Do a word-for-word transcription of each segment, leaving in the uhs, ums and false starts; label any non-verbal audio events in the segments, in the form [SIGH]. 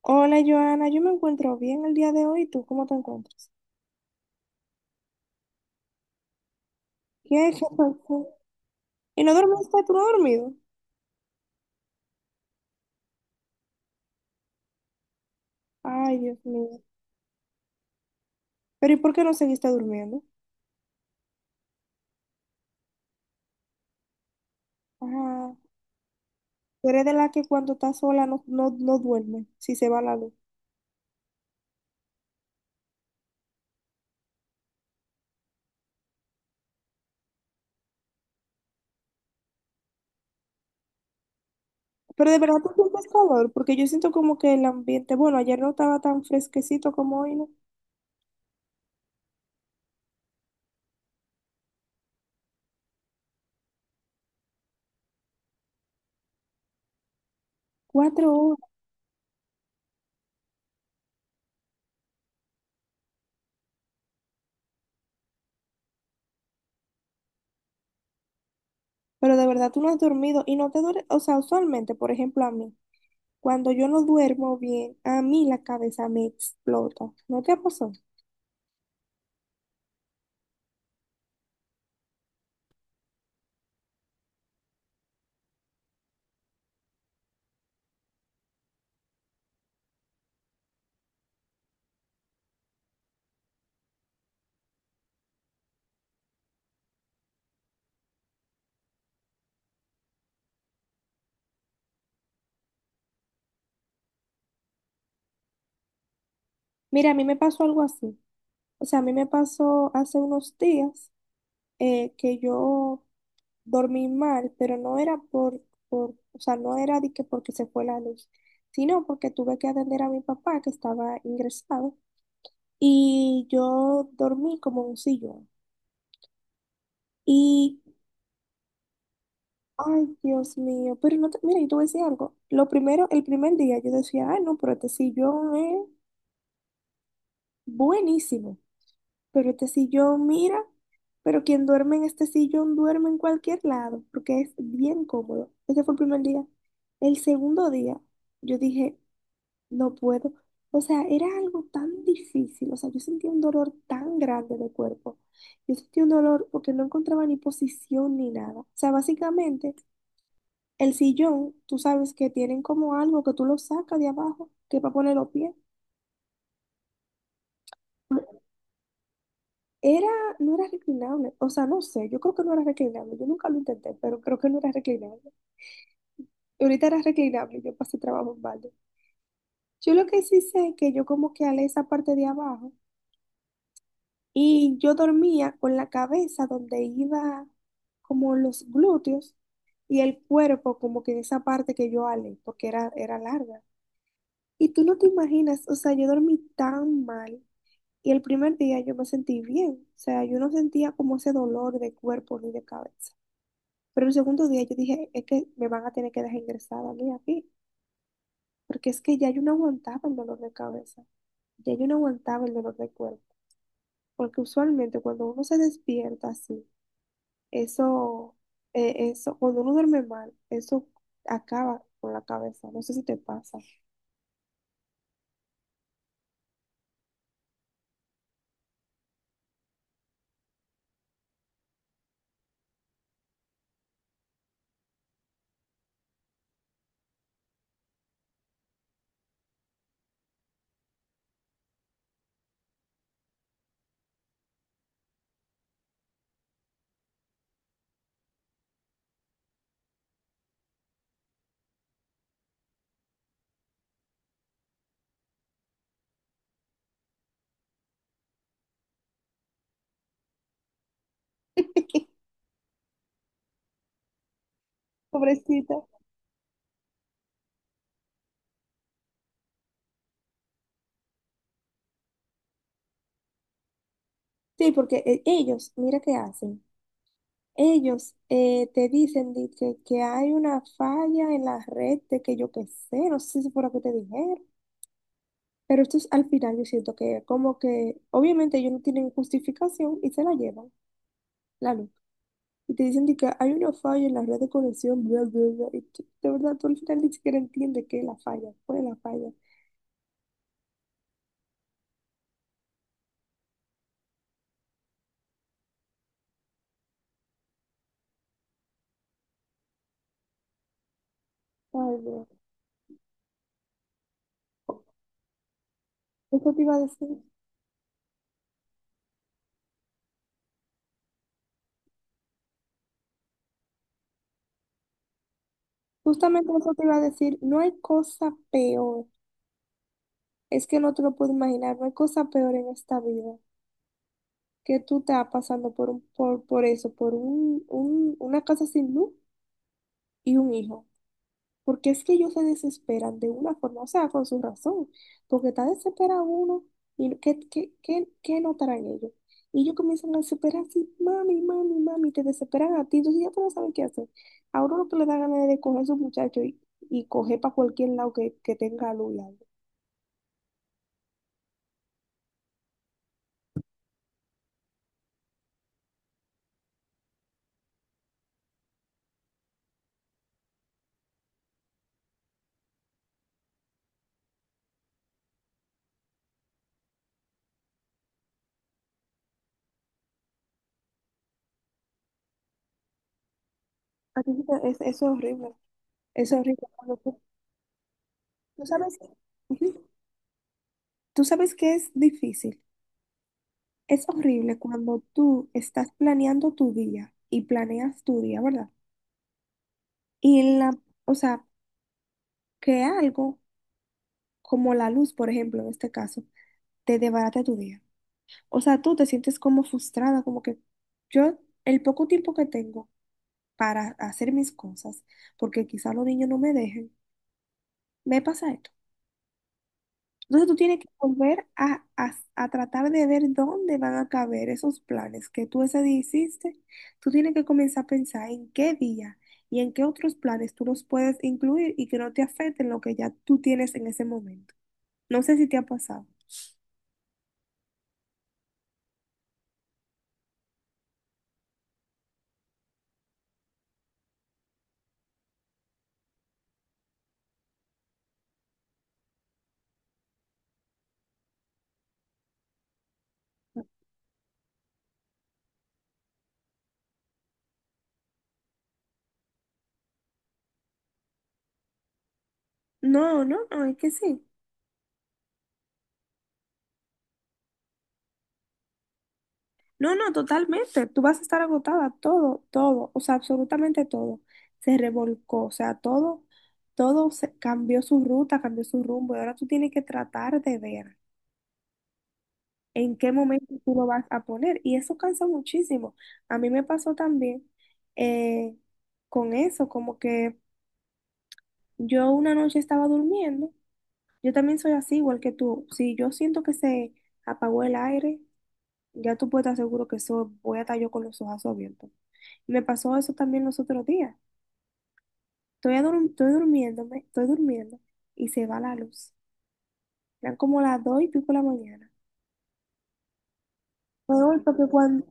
Hola Joana, yo me encuentro bien el día de hoy. ¿Tú cómo te encuentras? ¿Qué? ¿Qué pasó? ¿Y no dormiste? ¿Tú no has dormido? Ay, Dios mío. Pero ¿y por qué no seguiste durmiendo? Ah, tú eres de la que cuando está sola no, no, no duerme, si se va la luz. Pero de verdad tú sientes calor, porque yo siento como que el ambiente, bueno, ayer no estaba tan fresquecito como hoy, ¿no? Cuatro horas. Pero de verdad tú no has dormido y no te duele, o sea, usualmente, por ejemplo, a mí, cuando yo no duermo bien, a mí la cabeza me explota. ¿No te pasó? Mira, a mí me pasó algo así. O sea, a mí me pasó hace unos días eh, que yo dormí mal, pero no era por, por, o sea, no era de que porque se fue la luz, sino porque tuve que atender a mi papá que estaba ingresado y yo dormí como en un sillón. Y ay, Dios mío, pero no te, mira, yo te voy a decir algo. Lo primero, el primer día yo decía, ay, no, pero este sillón es buenísimo. Pero este sillón, mira, pero quien duerme en este sillón duerme en cualquier lado, porque es bien cómodo. Ese fue el primer día. El segundo día, yo dije, no puedo. O sea, era algo tan difícil. O sea, yo sentía un dolor tan grande de cuerpo. Yo sentía un dolor porque no encontraba ni posición ni nada. O sea, básicamente, el sillón, tú sabes que tienen como algo que tú lo sacas de abajo, que es para poner los pies. Era, no era reclinable, o sea, no sé, yo creo que no era reclinable, yo nunca lo intenté, pero creo que no era reclinable. Y ahorita era reclinable, y yo pasé trabajo en balde. Yo lo que sí sé es que yo como que alé esa parte de abajo y yo dormía con la cabeza donde iba como los glúteos y el cuerpo como que en esa parte que yo alé, porque era, era larga. Y tú no te imaginas, o sea, yo dormí tan mal y el primer día yo me sentí bien, o sea, yo no sentía como ese dolor de cuerpo ni de cabeza. Pero el segundo día yo dije, es que me van a tener que dejar ingresada a mí aquí, porque es que ya yo no aguantaba el dolor de cabeza, ya yo no aguantaba el dolor de cuerpo, porque usualmente cuando uno se despierta así, eso, eh, eso, cuando uno duerme mal, eso acaba con la cabeza, no sé si te pasa. [LAUGHS] Pobrecita. Sí, porque eh, ellos, mira qué hacen. Ellos eh, te dicen de que, que hay una falla en la red de que yo qué sé, no sé si fue lo que te dijeron. Pero estos al final yo siento que como que obviamente ellos no tienen justificación y se la llevan, la luz. Y te dicen de que hay una falla en la red de conexión, bla, bla, bla. Y tú- de verdad, tú al final ni siquiera entiendes qué es la falla, cuál es la falla. Ay, no. Eso te iba a decir. Justamente eso te iba a decir. No hay cosa peor. Es que no te lo puedo imaginar. No hay cosa peor en esta vida que tú te vas pasando por, un, por, por eso, por un, un- una casa sin luz y un hijo. Porque es que ellos se desesperan de una forma, o sea, con su razón, porque está desesperado uno y no, ¿qué, qué, qué, qué notarán ellos? Y ellos comienzan a desesperar así, mami, mami, mami, te desesperan a ti, entonces ya tú no sabes qué hacer. A uno lo que le da ganas es de coger a su muchacho y, y coger para cualquier lado que, que tenga luz. Y algo. A ti te- es- Eso es horrible, eso es horrible. Cuando tú, tú sabes, ujú, tú sabes que es difícil, es horrible cuando tú estás planeando tu día y planeas tu día, ¿verdad? Y la, o sea, que algo como la luz, por ejemplo, en este caso, te desbarata tu día. O sea, tú te sientes como frustrada, como que yo, el poco tiempo que tengo para hacer mis cosas, porque quizá los niños no me dejen, me pasa esto. Entonces tú tienes que volver a, a, a tratar de ver dónde van a caber esos planes que tú ese día hiciste. Tú tienes que comenzar a pensar en qué día y en qué otros planes tú los puedes incluir y que no te afecten lo que ya tú tienes en ese momento. No sé si te ha pasado. No, no, no, es que sí. No, no, totalmente. Tú vas a estar agotada, todo, todo, o sea, absolutamente todo. Se revolcó, o sea, todo, todo se cambió su ruta, cambió su rumbo y ahora tú tienes que tratar de ver en qué momento tú lo vas a poner. Y eso cansa muchísimo. A mí me pasó también eh, con eso, como que yo una noche estaba durmiendo. Yo también soy así, igual que tú. Si yo siento que se apagó el aire, ya tú puedes estar seguro que soy, voy a estar yo con los ojos abiertos. Me pasó eso también los otros días. Estoy, adur- estoy durmiéndome, estoy durmiendo y se va la luz. Eran como las dos y pico de la mañana. Rodolfo, que cuando...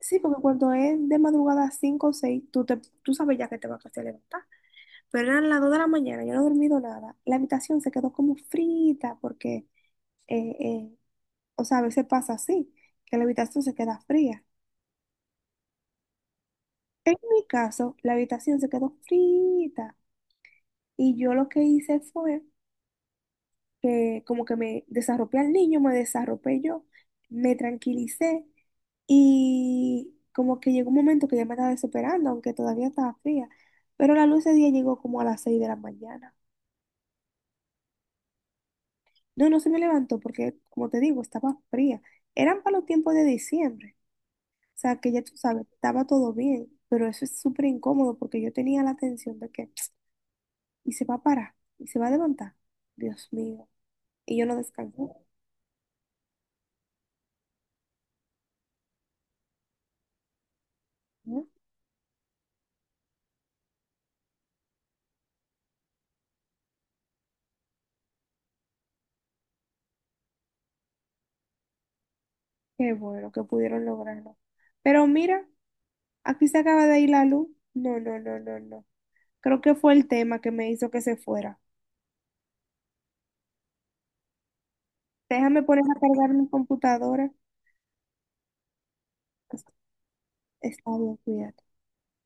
Sí, porque cuando es de madrugada cinco o seis tú, te, tú sabes ya que te vas a levantar. Pero eran las dos de la mañana, yo no he dormido nada. La habitación se quedó como frita porque, eh, eh, o sea, a veces pasa así, que la habitación se queda fría. En mi caso, la habitación se quedó frita y yo lo que hice fue que como que me desarropé al niño, me desarropé yo, me tranquilicé y como que llegó un momento que ya me estaba desesperando, aunque todavía estaba fría, pero la luz ese día llegó como a las seis de la mañana. No, no se me levantó porque, como te digo, estaba fría. Eran para los tiempos de diciembre, o sea que ya tú sabes, estaba todo bien, pero eso es súper incómodo porque yo tenía la tensión de que, [TSK] y se va a parar, y se va a levantar, Dios mío, y yo no descansé. Qué bueno que pudieron lograrlo. Pero mira, aquí se acaba de ir la luz. No, no, no, no, no. Creo que fue el tema que me hizo que se fuera. Déjame poner a cargar mi computadora. Está bien, cuídate.